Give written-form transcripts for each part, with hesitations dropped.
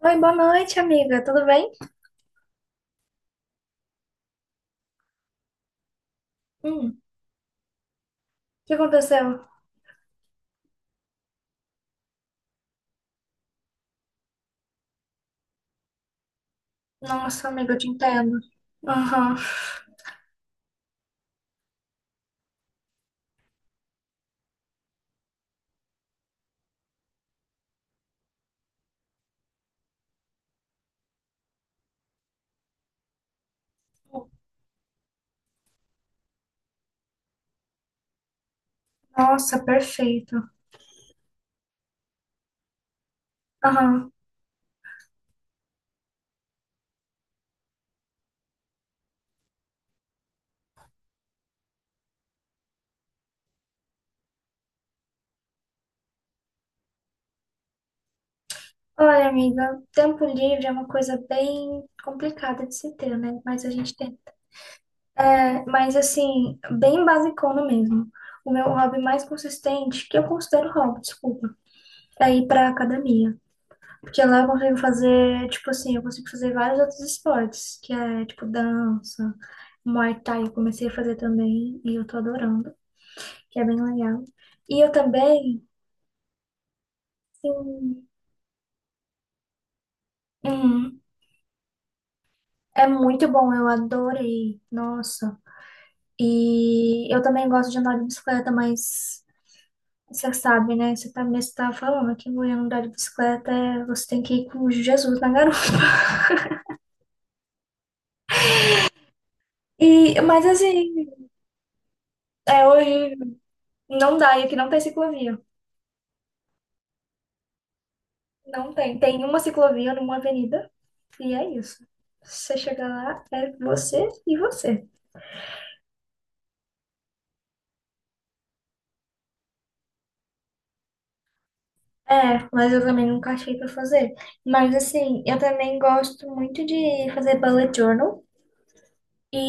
Oi, boa noite, amiga. Tudo bem? Hum, O que aconteceu? Nossa, amiga, eu te entendo. Aham. Nossa, perfeito. Aham. Olha, amiga, tempo livre é uma coisa bem complicada de se ter, né? Mas a gente tenta. É, mas assim, bem basicona mesmo. O meu hobby mais consistente, que eu considero hobby, desculpa, é ir pra academia. Porque lá eu consigo fazer, tipo assim, eu consigo fazer vários outros esportes, que é tipo dança, Muay Thai, eu comecei a fazer também e eu tô adorando, que é bem legal. E eu também, sim, hum, é muito bom, eu adorei, nossa. E eu também gosto de andar de bicicleta, mas você sabe, né? Você também mesmo falando que mulher andar de bicicleta, você tem que ir com Jesus na garupa. E, mas assim, é, hoje não dá, e aqui não tem ciclovia. Não tem. Tem uma ciclovia numa avenida e é isso. Você chega lá, é você e você. É, mas eu também nunca achei pra fazer. Mas assim, eu também gosto muito de fazer bullet journal e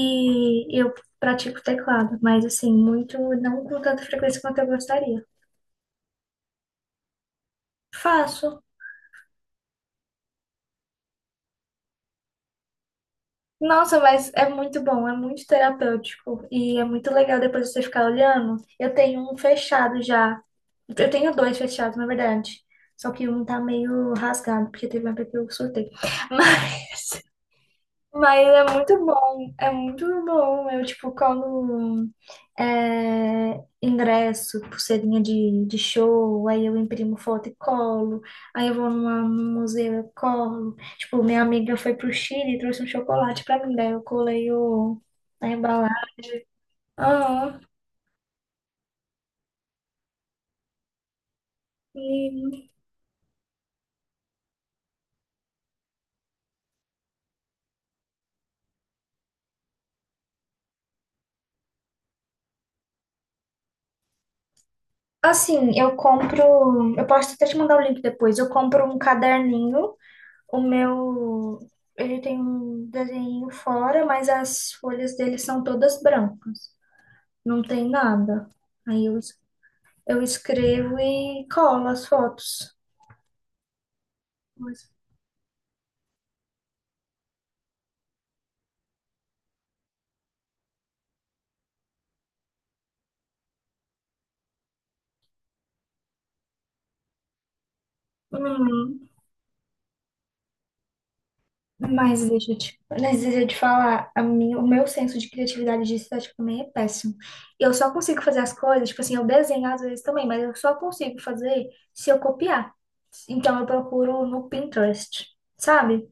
eu pratico teclado, mas assim, muito não com tanta frequência quanto eu gostaria. Faço. Nossa, mas é muito bom, é muito terapêutico e é muito legal depois você ficar olhando. Eu tenho um fechado já. Eu tenho dois fechados, na verdade. Só que um tá meio rasgado, porque teve uma época que eu surtei. Mas, mas é muito bom, é muito bom. Eu, tipo, colo é, ingresso, pulseirinha de show, aí eu imprimo foto e colo. Aí eu vou num museu, eu colo. Tipo, minha amiga foi pro Chile e trouxe um chocolate pra mim, daí eu colei a embalagem. Aham. Assim, eu compro. Eu posso até te mandar o link depois. Eu compro um caderninho. O meu. Ele tem um desenho fora, mas as folhas dele são todas brancas. Não tem nada. Aí eu, es- eu escrevo e colo as fotos. Mas. Uhum. Mas deixa eu te, mas deixa eu te falar, o meu senso de criatividade de estética também é péssimo. Eu só consigo fazer as coisas, tipo assim, eu desenho às vezes também, mas eu só consigo fazer se eu copiar. Então eu procuro no Pinterest, sabe?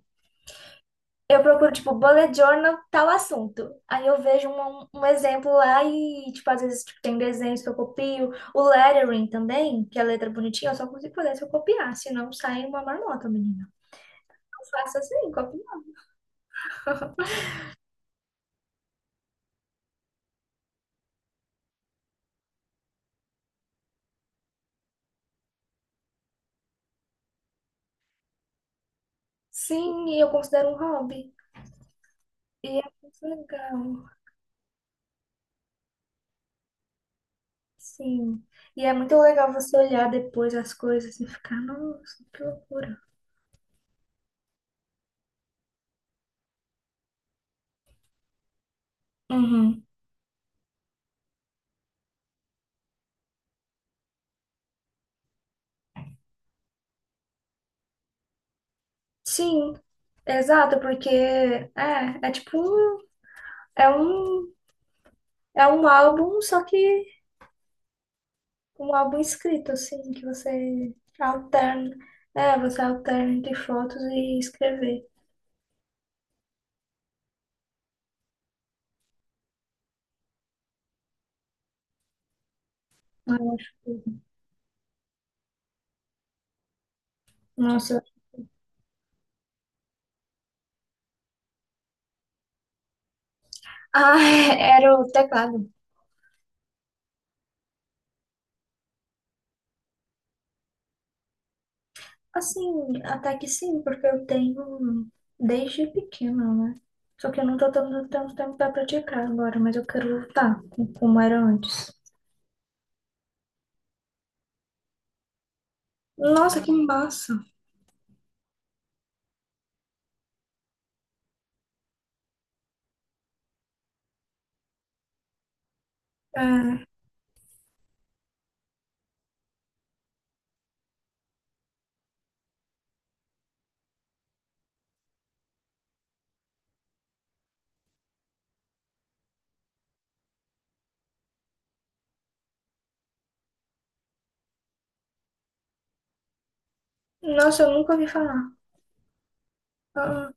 Eu procuro, tipo, bullet journal, tal assunto. Aí eu vejo um, um exemplo lá e, tipo, às vezes tipo, tem desenhos que eu copio. O lettering também, que é a letra bonitinha, eu só consigo fazer se eu copiar, senão sai uma marmota, menina. Eu faço assim. Sim, e eu considero um hobby. E é muito legal. Sim. E é muito legal você olhar depois as coisas e ficar, nossa, que loucura. Uhum. Sim, exato, porque é, é tipo um, é um, é um álbum, só que um álbum escrito, assim, que você alterna. É, você alterna entre fotos e escrever. Eu acho que. Nossa, eu. Ah, era o teclado. Assim, até que sim, porque eu tenho desde pequena, né? Só que eu não tô tendo tanto tempo pra praticar agora, mas eu quero voltar como era antes. Nossa, que massa! É, nossa, eu nunca ouvi falar. Ah, ah.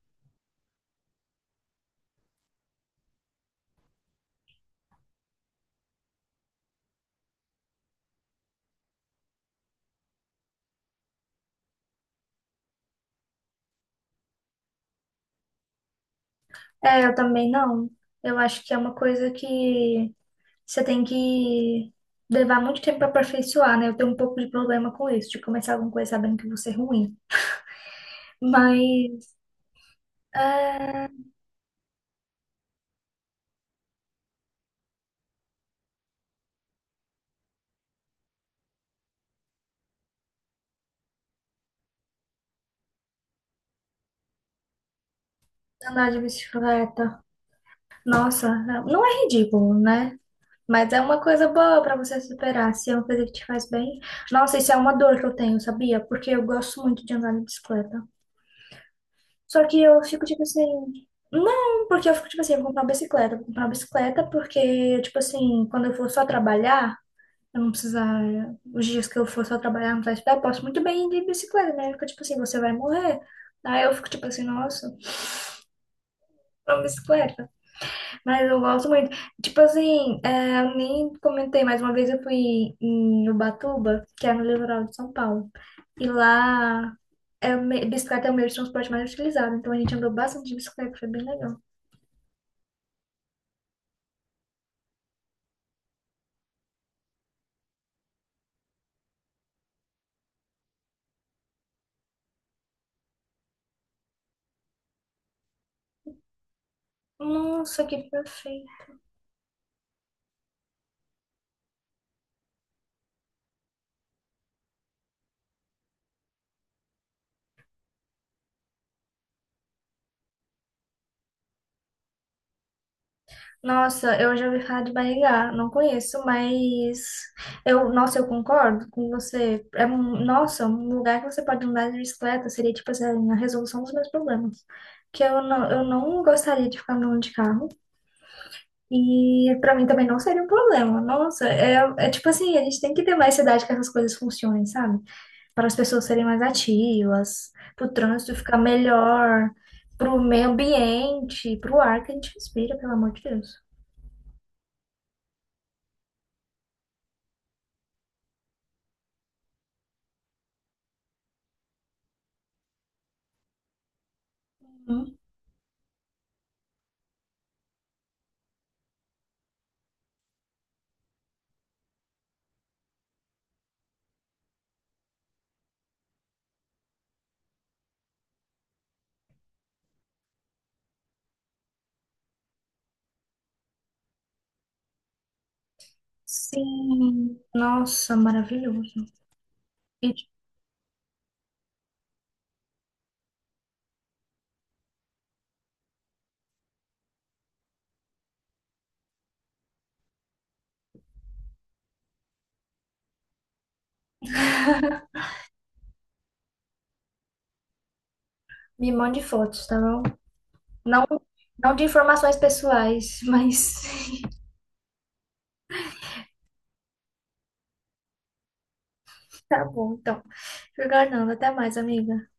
É, eu também não. Eu acho que é uma coisa que você tem que levar muito tempo para aperfeiçoar, né? Eu tenho um pouco de problema com isso, de começar alguma coisa sabendo que eu vou ser ruim. Mas, é, andar de bicicleta. Nossa, não é ridículo, né? Mas é uma coisa boa pra você superar, se é uma coisa que te faz bem. Nossa, isso é uma dor que eu tenho, sabia? Porque eu gosto muito de andar de bicicleta. Só que eu fico tipo assim, não, porque eu fico tipo assim, vou comprar uma bicicleta, vou comprar uma bicicleta porque tipo assim, quando eu for só trabalhar, eu não precisar, os dias que eu for só trabalhar, não precisar estudar, eu posso muito bem ir de bicicleta, né? Fica tipo assim, você vai morrer. Aí eu fico tipo assim, nossa, uma bicicleta. Mas eu gosto muito. Tipo assim, é, eu nem comentei, mas uma vez eu fui em Ubatuba, que é no litoral de São Paulo. E lá, é, bicicleta é o meio de transporte mais utilizado. Então a gente andou bastante de bicicleta, foi bem legal. Nossa, que perfeito. Nossa, eu já ouvi falar de Maringá, não conheço, mas nossa, eu concordo com você. É um, nossa, um lugar que você pode andar de bicicleta seria tipo assim, a resolução dos meus problemas. Que eu não gostaria de ficar andando de carro. E pra mim também não seria um problema. Nossa, é, é tipo assim, a gente tem que ter mais cidade que essas coisas funcionem, sabe? Para as pessoas serem mais ativas, para o trânsito ficar melhor, para o meio ambiente, para o ar que a gente respira, pelo amor de Deus. Uhum. Sim, nossa, maravilhoso. E me mande fotos, tá bom? Não, não de informações pessoais, mas tá bom, então. Fernando, até mais, amiga.